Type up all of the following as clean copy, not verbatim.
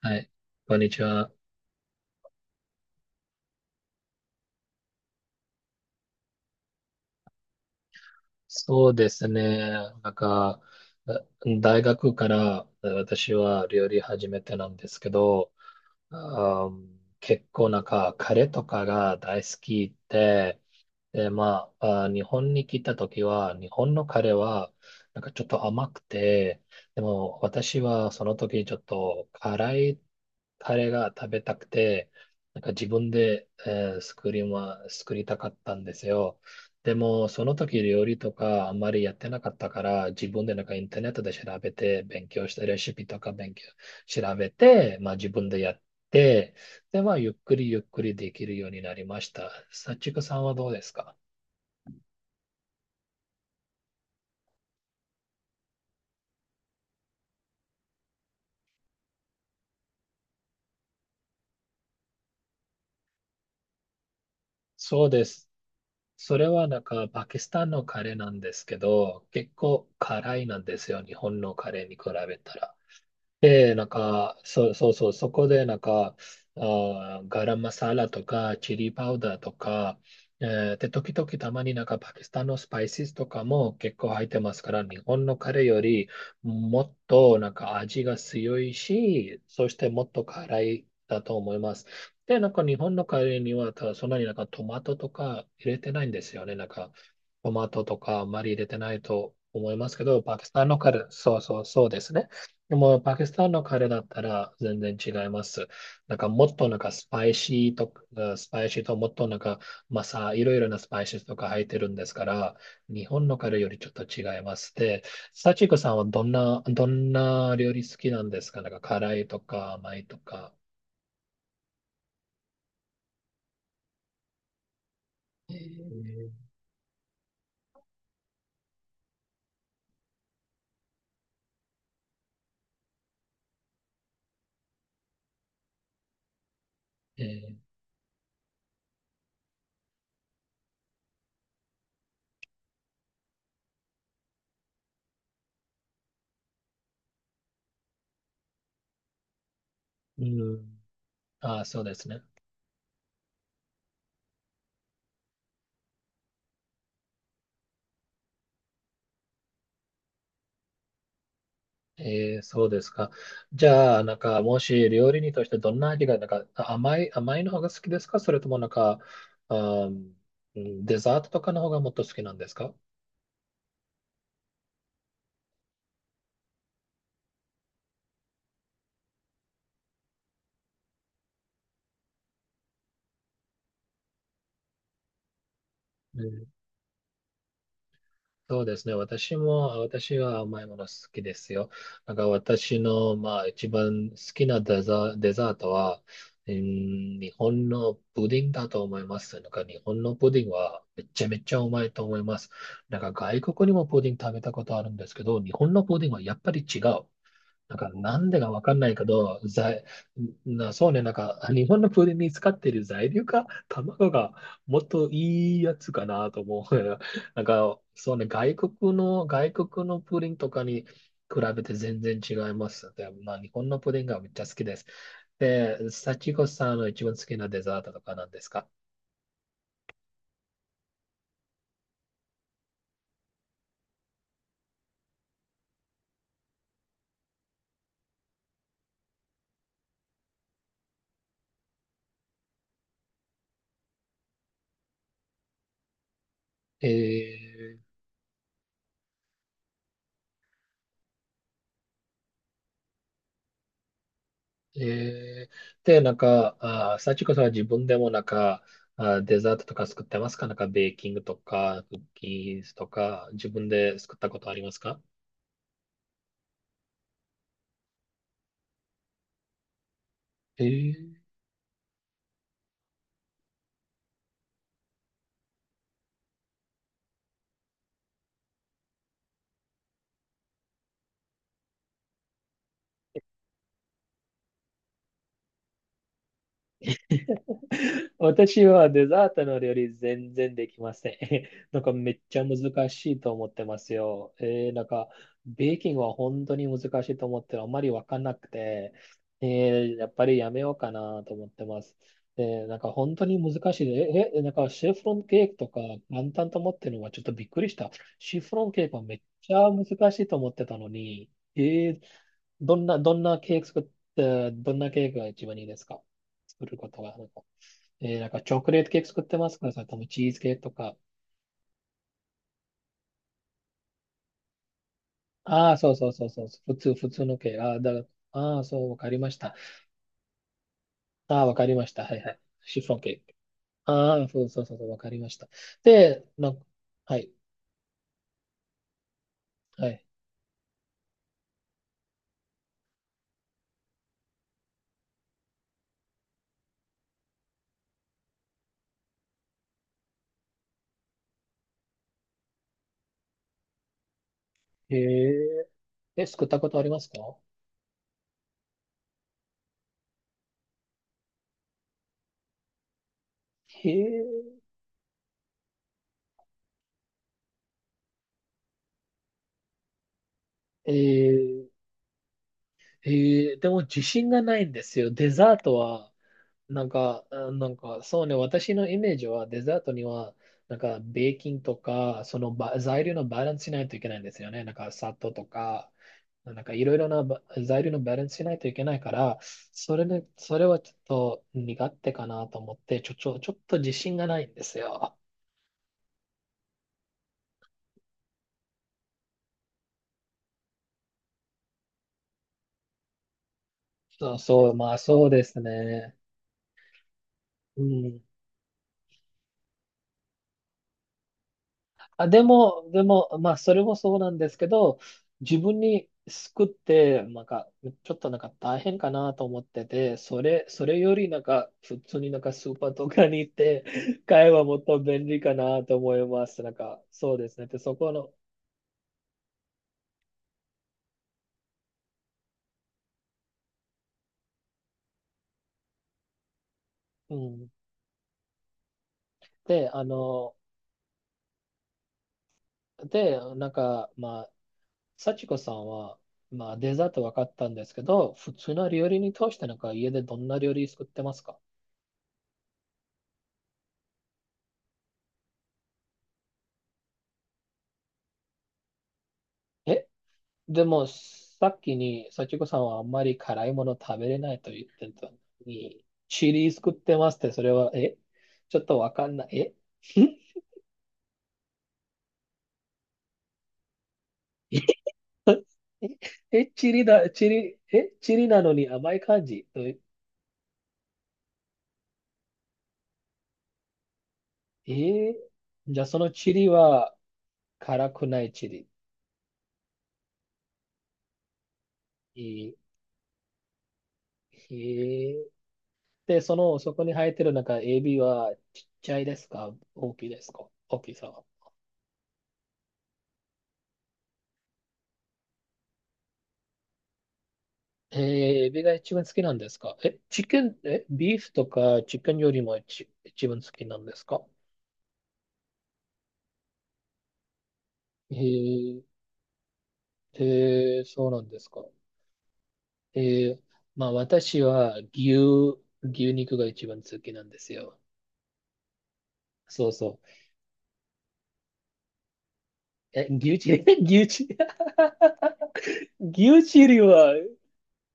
はい、こんにちは。そうですね。なんか、あ、大学から私は料理始めてなんですけど、あー結構カレーとかが大好きで、で、まあ、日本に来た時は、日本のカレーは、なんかちょっと甘くて、でも私はその時ちょっと辛いカレーが食べたくて、なんか自分で、作りたかったんですよ。でも、その時料理とかあんまりやってなかったから、自分でなんかインターネットで調べて、勉強したレシピとか勉強、調べて、まあ自分でやって、で、まあゆっくりできるようになりました。さちくさんはどうですか？そうです。それはなんかパキスタンのカレーなんですけど、結構辛いなんですよ、日本のカレーに比べたら。で、なんか、そうそうそう、そこでなんか、あー、ガラムマサラとか、チリパウダーとか、で、時々たまになんかパキスタンのスパイシーとかも結構入ってますから、日本のカレーよりもっとなんか味が強いし、そしてもっと辛いだと思います。で、なんか日本のカレーにはただそんなになんかトマトとか入れてないんですよね。なんかトマトとかあんまり入れてないと思いますけど、パキスタンのカレー、そうそうそうですね。でも、パキスタンのカレーだったら全然違います。もっとなんかスパイシーと、スパイシーともっとなんか、まあさ、いろいろなスパイシーとか入ってるんですから、日本のカレーよりちょっと違います。で、サチコさんはどんな、どんな料理好きなんですか？なんか、辛いとか甘いとか。えーえーうん。ああ、そうですね。えー、そうですか。じゃあ、なんか、もし料理人としてどんな味が、なんか、甘いの方が好きですか？それともなんか、うん、デザートとかの方がもっと好きなんですか？そうですね。私は甘いもの好きですよ。なんか私の、まあ、一番好きなデザ、デザートは、うん、日本のプディングだと思います。なんか日本のプディングはめちゃめちゃうまいと思います。なんか外国にもプディング食べたことあるんですけど、日本のプディングはやっぱり違う。なんか、なんでかわかんないけど、そうね、なんか、日本のプリンに使っている材料か、卵がもっといいやつかなと思う。なんか、そうね、外国のプリンとかに比べて全然違います。で、まあ、日本のプリンがめっちゃ好きです。で、幸子さんの一番好きなデザートとかなんですか？ええー、で、なんか、あー、幸子さんは自分でもなんか、あー、デザートとか作ってますか？なんか、ベーキングとか、クッキーズとか、自分で作ったことありますか？えー、 私はデザートの料理全然できません。なんかめっちゃ難しいと思ってますよ。えー、なんかベーキングは本当に難しいと思ってる。あまりわかんなくて、えー、やっぱりやめようかなと思ってます。えー、なんか本当に難しいで。なんかシフロンケーキとか簡単と思ってるのはちょっとびっくりした。シフロンケーキはめっちゃ難しいと思ってたのに、えー、どんなケーキ作って、どんなケーキが一番いいですか？作ることが。えー、なんかチョコレートケーキ作ってますから、それともチーズケーキとか。ああ、そうそうそうそう、普通のケーキ。ああ、そう、わかりました。ああ、わかりました。はいはい。シフォンケーキ。ああ、そうそうそうそう、わかりました。で、なんか、はい、はい。へえ、え、作ったことありますか？へえ、えーえでも自信がないんですよ。デザートは、なんか、なんか、そうね、私のイメージはデザートには、なんか、ベーキンとか、そのば材料のバランスしないといけないんですよね。なんか、砂糖とか、なんか、いろいろなば材料のバランスしないといけないから、それはちょっと苦手かなと思って、ちょっと自信がないんですよ。そう、まあ、そうですね。うん、あ、でも、まあ、それもそうなんですけど、自分に救って、なんか、ちょっとなんか大変かなと思ってて、それよりなんか、普通になんかスーパーとかに行って、買えばもっと便利かなと思います。なんか、そうですね。で、そこの、うん。で、あの、で、なんか、まあ、幸子さんは、まあ、デザート分かったんですけど、普通の料理に通してなんか、家でどんな料理作ってますか？えでも、さっきに、幸子さんはあんまり辛いもの食べれないと言ってたのに、チリ作ってますって、それは、え、ちょっとわかんない。え、ええ、えチリだ、チリ、え、チリなのに甘い感じ。とえー、じゃあそのチリは辛くないチリ。えーえーで、その、そこに生えてるなんかエビはちっちゃいですか？大きいですか？大きさは。えー、エビが一番好きなんですか？え、チキン、え、ビーフとかチキンよりも一番好きなんですか？えー、えー、そうなんですか？えー、まあ私は牛、牛肉が一番好きなんですよ。そうそう。え、牛チリ、牛チリ、牛チリは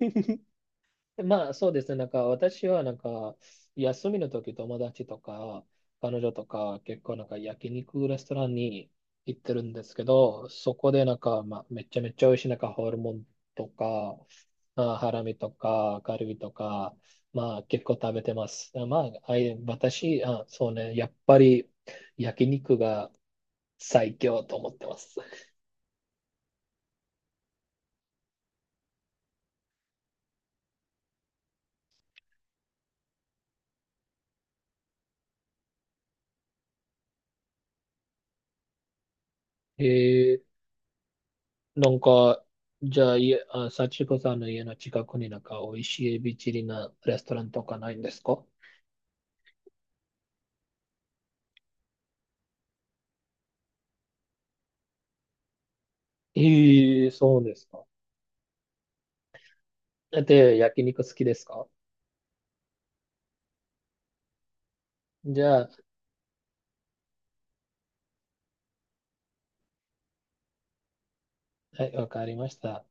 まあそうですね、なんか私は休みの時友達とか彼女とか結構なんか焼肉レストランに行ってるんですけど、そこでなんか、まあ、めちゃめちゃ美味しいなんかホルモンとか、まあ、ハラミとかカルビとか、まあ結構食べてます。まあ、あい、私、あ、そうね、やっぱり焼肉が最強と思ってます。へえ、なんか、じゃあ、いえあ、幸子さんの家の近くになんか美味しいエビチリなレストランとかないんですか？ええ、そうですか。で、焼肉好きですか？じゃあ、はい、わかりました。